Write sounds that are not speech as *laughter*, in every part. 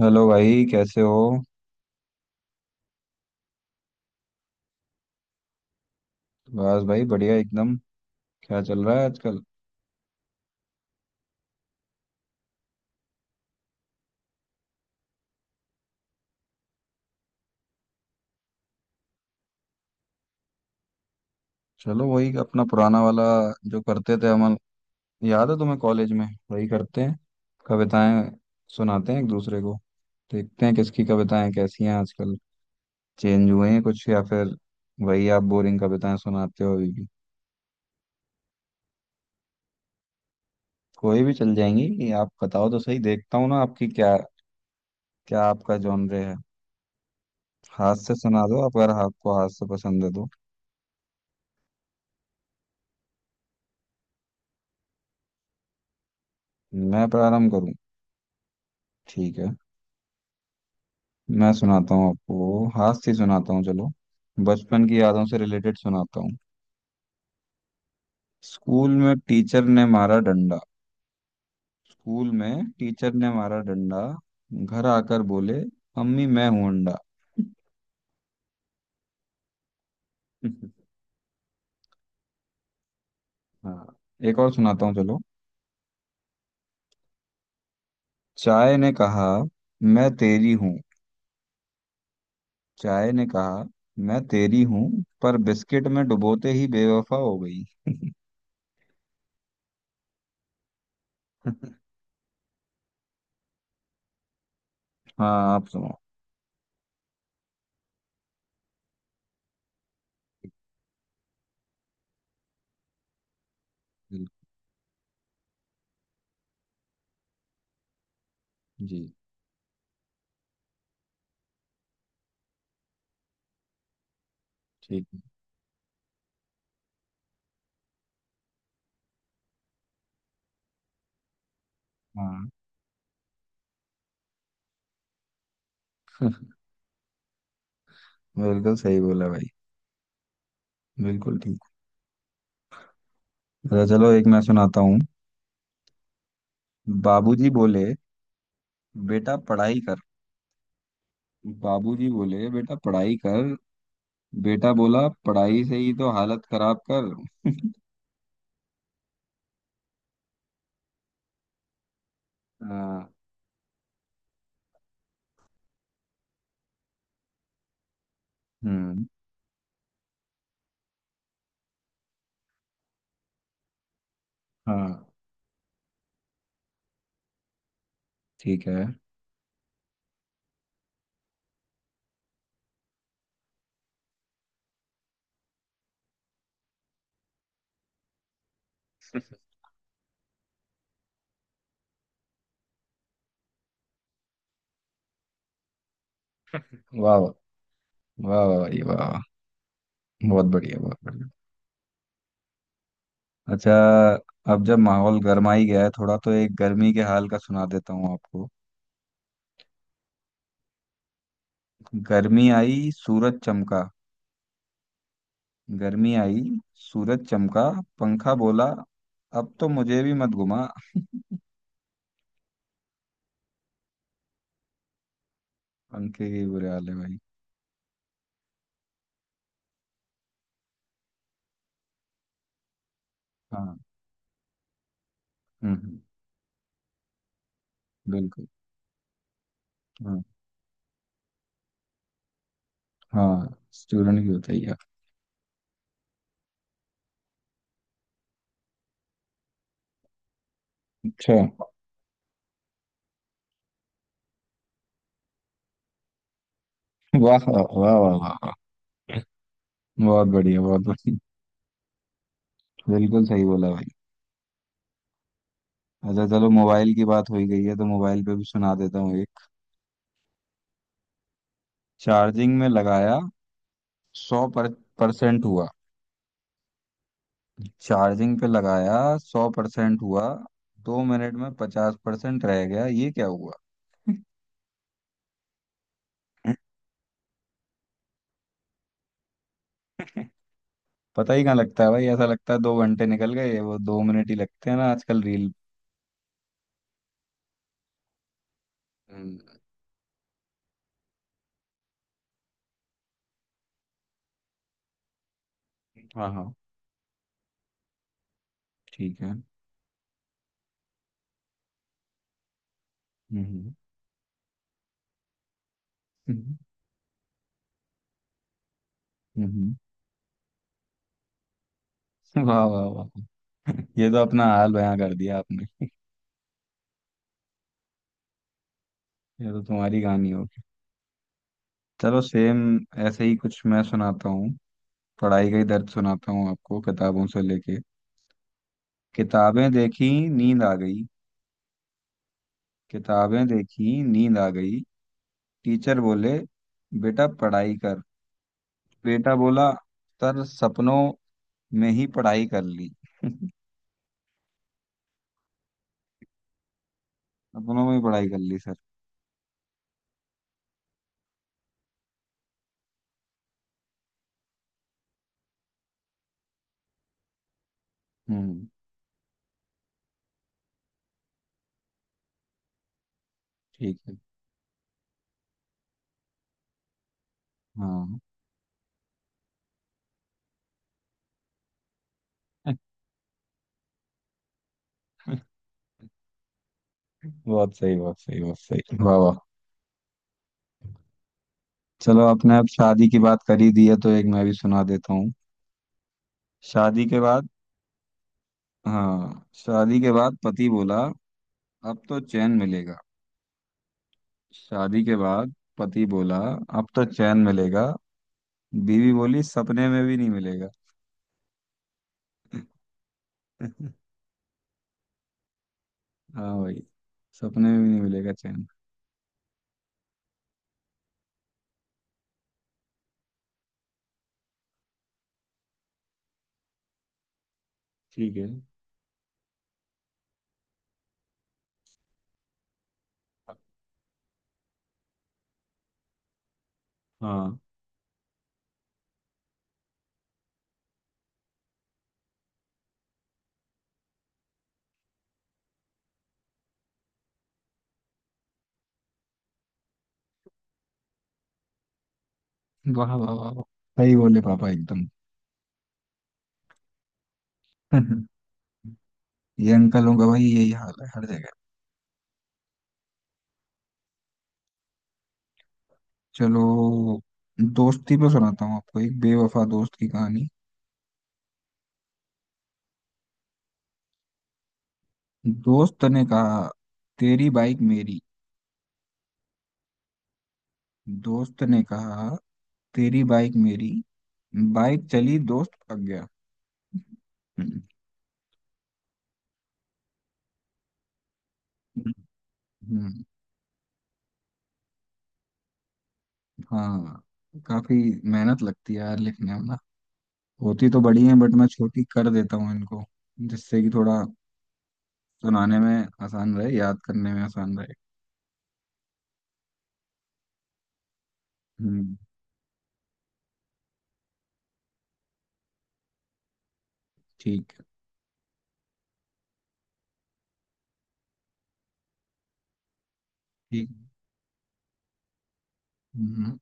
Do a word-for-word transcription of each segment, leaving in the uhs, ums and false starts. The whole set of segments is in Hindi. हेलो भाई कैसे हो। बस भाई बढ़िया एकदम। क्या चल रहा है आजकल। चलो वही अपना पुराना वाला जो करते थे हम। याद है तुम्हें कॉलेज में वही करते हैं। कविताएं सुनाते हैं एक दूसरे को। देखते हैं किसकी कविताएं कैसी हैं आजकल। चेंज हुए हैं कुछ या फिर वही आप बोरिंग कविताएं सुनाते हो अभी भी। कोई भी चल जाएंगी आप बताओ तो सही देखता हूँ ना आपकी क्या क्या आपका जॉनर है। हाथ से सुना दो आप अगर आपको हाथ से पसंद है तो। मैं प्रारंभ करूँ? ठीक है। मैं सुनाता हूँ आपको, हास्य सुनाता हूँ चलो। बचपन की यादों से रिलेटेड सुनाता हूँ। स्कूल में टीचर ने मारा डंडा, स्कूल में टीचर ने मारा डंडा, घर आकर बोले अम्मी मैं हूं अंडा। *laughs* हाँ, एक और सुनाता हूँ चलो। चाय ने कहा मैं तेरी हूँ, चाय ने कहा मैं तेरी हूँ, पर बिस्किट में डुबोते ही बेवफा हो गई। *laughs* हाँ आप सुनो। बिल्कुल, जी। ठीक है। हाँ, बिल्कुल सही बोला भाई। बिल्कुल ठीक। तो चलो एक मैं सुनाता हूँ। बाबूजी बोले बेटा पढ़ाई कर, बाबूजी बोले बेटा पढ़ाई कर, बेटा बोला पढ़ाई से ही तो हालत खराब कर। हाँ। हम्म। हाँ। ठीक है। वाह वाह, वाह वाह भाई वाह वाह। बहुत बढ़िया, बहुत बढ़िया। अच्छा, अब जब माहौल गर्मा ही गया है थोड़ा तो एक गर्मी के हाल का सुना देता हूँ आपको। गर्मी आई सूरज चमका, गर्मी आई सूरज चमका, पंखा बोला अब तो मुझे भी मत घुमा। पंखे के बुरे हाल है भाई। हाँ। हम्म हम्म। बिल्कुल। हाँ, हाँ स्टूडेंट की बताइए आप। अच्छा। वाह वाह वाह वाह वाह। बहुत बढ़िया, बहुत बढ़िया। बिल्कुल सही बोला भाई। अच्छा चलो, मोबाइल की बात हो ही गई है तो मोबाइल पे भी सुना देता हूँ एक। चार्जिंग में लगाया सौ पर, परसेंट हुआ, चार्जिंग पे लगाया सौ परसेंट हुआ, दो मिनट में पचास परसेंट रह गया ये क्या हुआ। *laughs* पता ही कहाँ लगता है भाई, ऐसा लगता है दो घंटे निकल गए वो दो मिनट ही लगते हैं ना आजकल रील। हाँ हाँ। ठीक है। हम्म हम्म हम्म, हम्म। वाह वाह वाह। ये तो अपना हाल बयां कर दिया आपने। ये तो तुम्हारी कहानी होगी। चलो सेम ऐसे ही कुछ मैं सुनाता हूँ। पढ़ाई का ही दर्द सुनाता हूँ आपको, किताबों से लेके। किताबें देखी नींद आ गई, किताबें देखी नींद आ गई, टीचर बोले बेटा पढ़ाई कर, बेटा बोला सर सपनों में ही पढ़ाई कर ली। *laughs* सपनों में ही पढ़ाई कर ली सर। हम्म। ठीक है। हाँ। *laughs* बहुत सही, बहुत सही, बहुत सही, वाह वाह। चलो आपने अब शादी की बात कर ही दी है तो एक मैं भी सुना देता हूँ। शादी के बाद, हाँ शादी के बाद पति बोला अब तो चैन मिलेगा, शादी के बाद पति बोला अब तो चैन मिलेगा, बीवी बोली सपने में भी नहीं मिलेगा। *laughs* हाँ भाई, सपने में भी नहीं मिलेगा चैन। ठीक है। हाँ। वाह वाह वाह वाह। सही बोले पापा एकदम। *laughs* ये अंकलों का भाई यही हाल है हर जगह। चलो, दोस्ती पे सुनाता हूँ आपको, एक बेवफा दोस्त की कहानी। दोस्त ने कहा तेरी बाइक मेरी, दोस्त ने कहा तेरी बाइक मेरी, बाइक चली दोस्त पक गया। हम्म। हम्म। हाँ। काफी मेहनत लगती है यार लिखने में ना, होती तो बड़ी है बट मैं छोटी कर देता हूँ इनको, जिससे कि थोड़ा सुनाने में आसान रहे, याद करने में आसान रहे। हम्म। ठीक है, ठीक है। हम्म।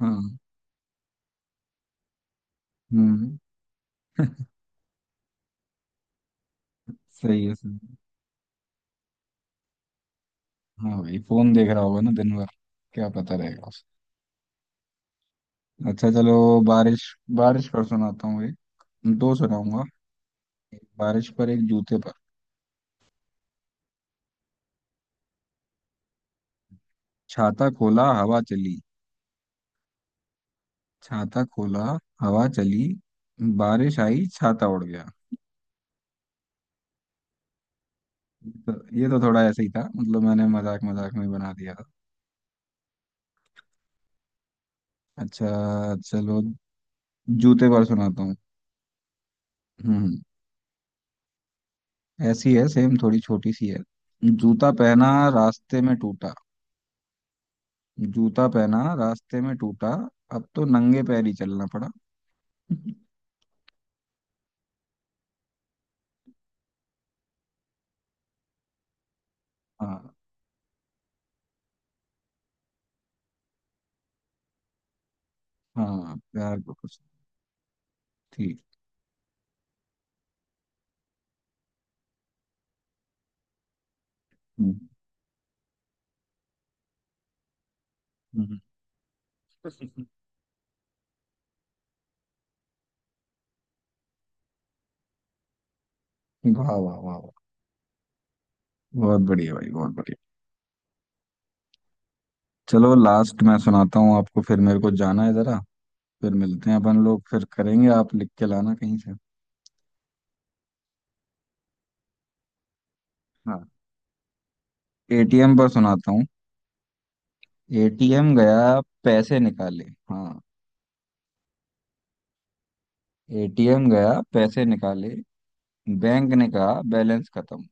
हाँ। हम्म। *laughs* सही है सही है। हाँ भाई फोन देख रहा होगा ना दिन भर, क्या पता रहेगा उसे। अच्छा चलो, बारिश, बारिश पर सुनाता हूँ एक, दो सुनाऊंगा, एक बारिश पर एक जूते पर। छाता खोला हवा चली, छाता खोला हवा चली, बारिश आई छाता उड़ गया। तो ये तो थोड़ा ऐसे ही था मतलब, मैंने मजाक मजाक में ही बना दिया था। अच्छा चलो, जूते पर सुनाता हूँ। हम्म। ऐसी है सेम, थोड़ी छोटी सी है। जूता पहना रास्ते में टूटा, जूता पहना रास्ते में टूटा, अब तो नंगे पैर ही चलना पड़ा। *laughs* हाँ। हाँ प्यार को कुछ। ठीक। हम्म, हम्म। वाह वाह वाह वाह, बहुत बढ़िया भाई बहुत बढ़िया। चलो लास्ट मैं सुनाता हूँ आपको, फिर मेरे को जाना है जरा। फिर मिलते हैं अपन लोग, फिर करेंगे, आप लिख के लाना कहीं से। हाँ। ए टी एम पर सुनाता हूँ। ए टी एम गया पैसे निकाले, हाँ ए टी एम गया पैसे निकाले, बैंक ने कहा बैलेंस खत्म।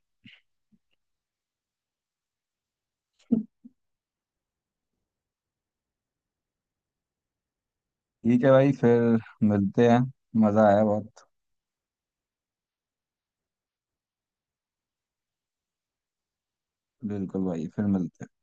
ठीक है भाई, फिर मिलते हैं, मज़ा आया बहुत। बिल्कुल भाई फिर मिलते हैं।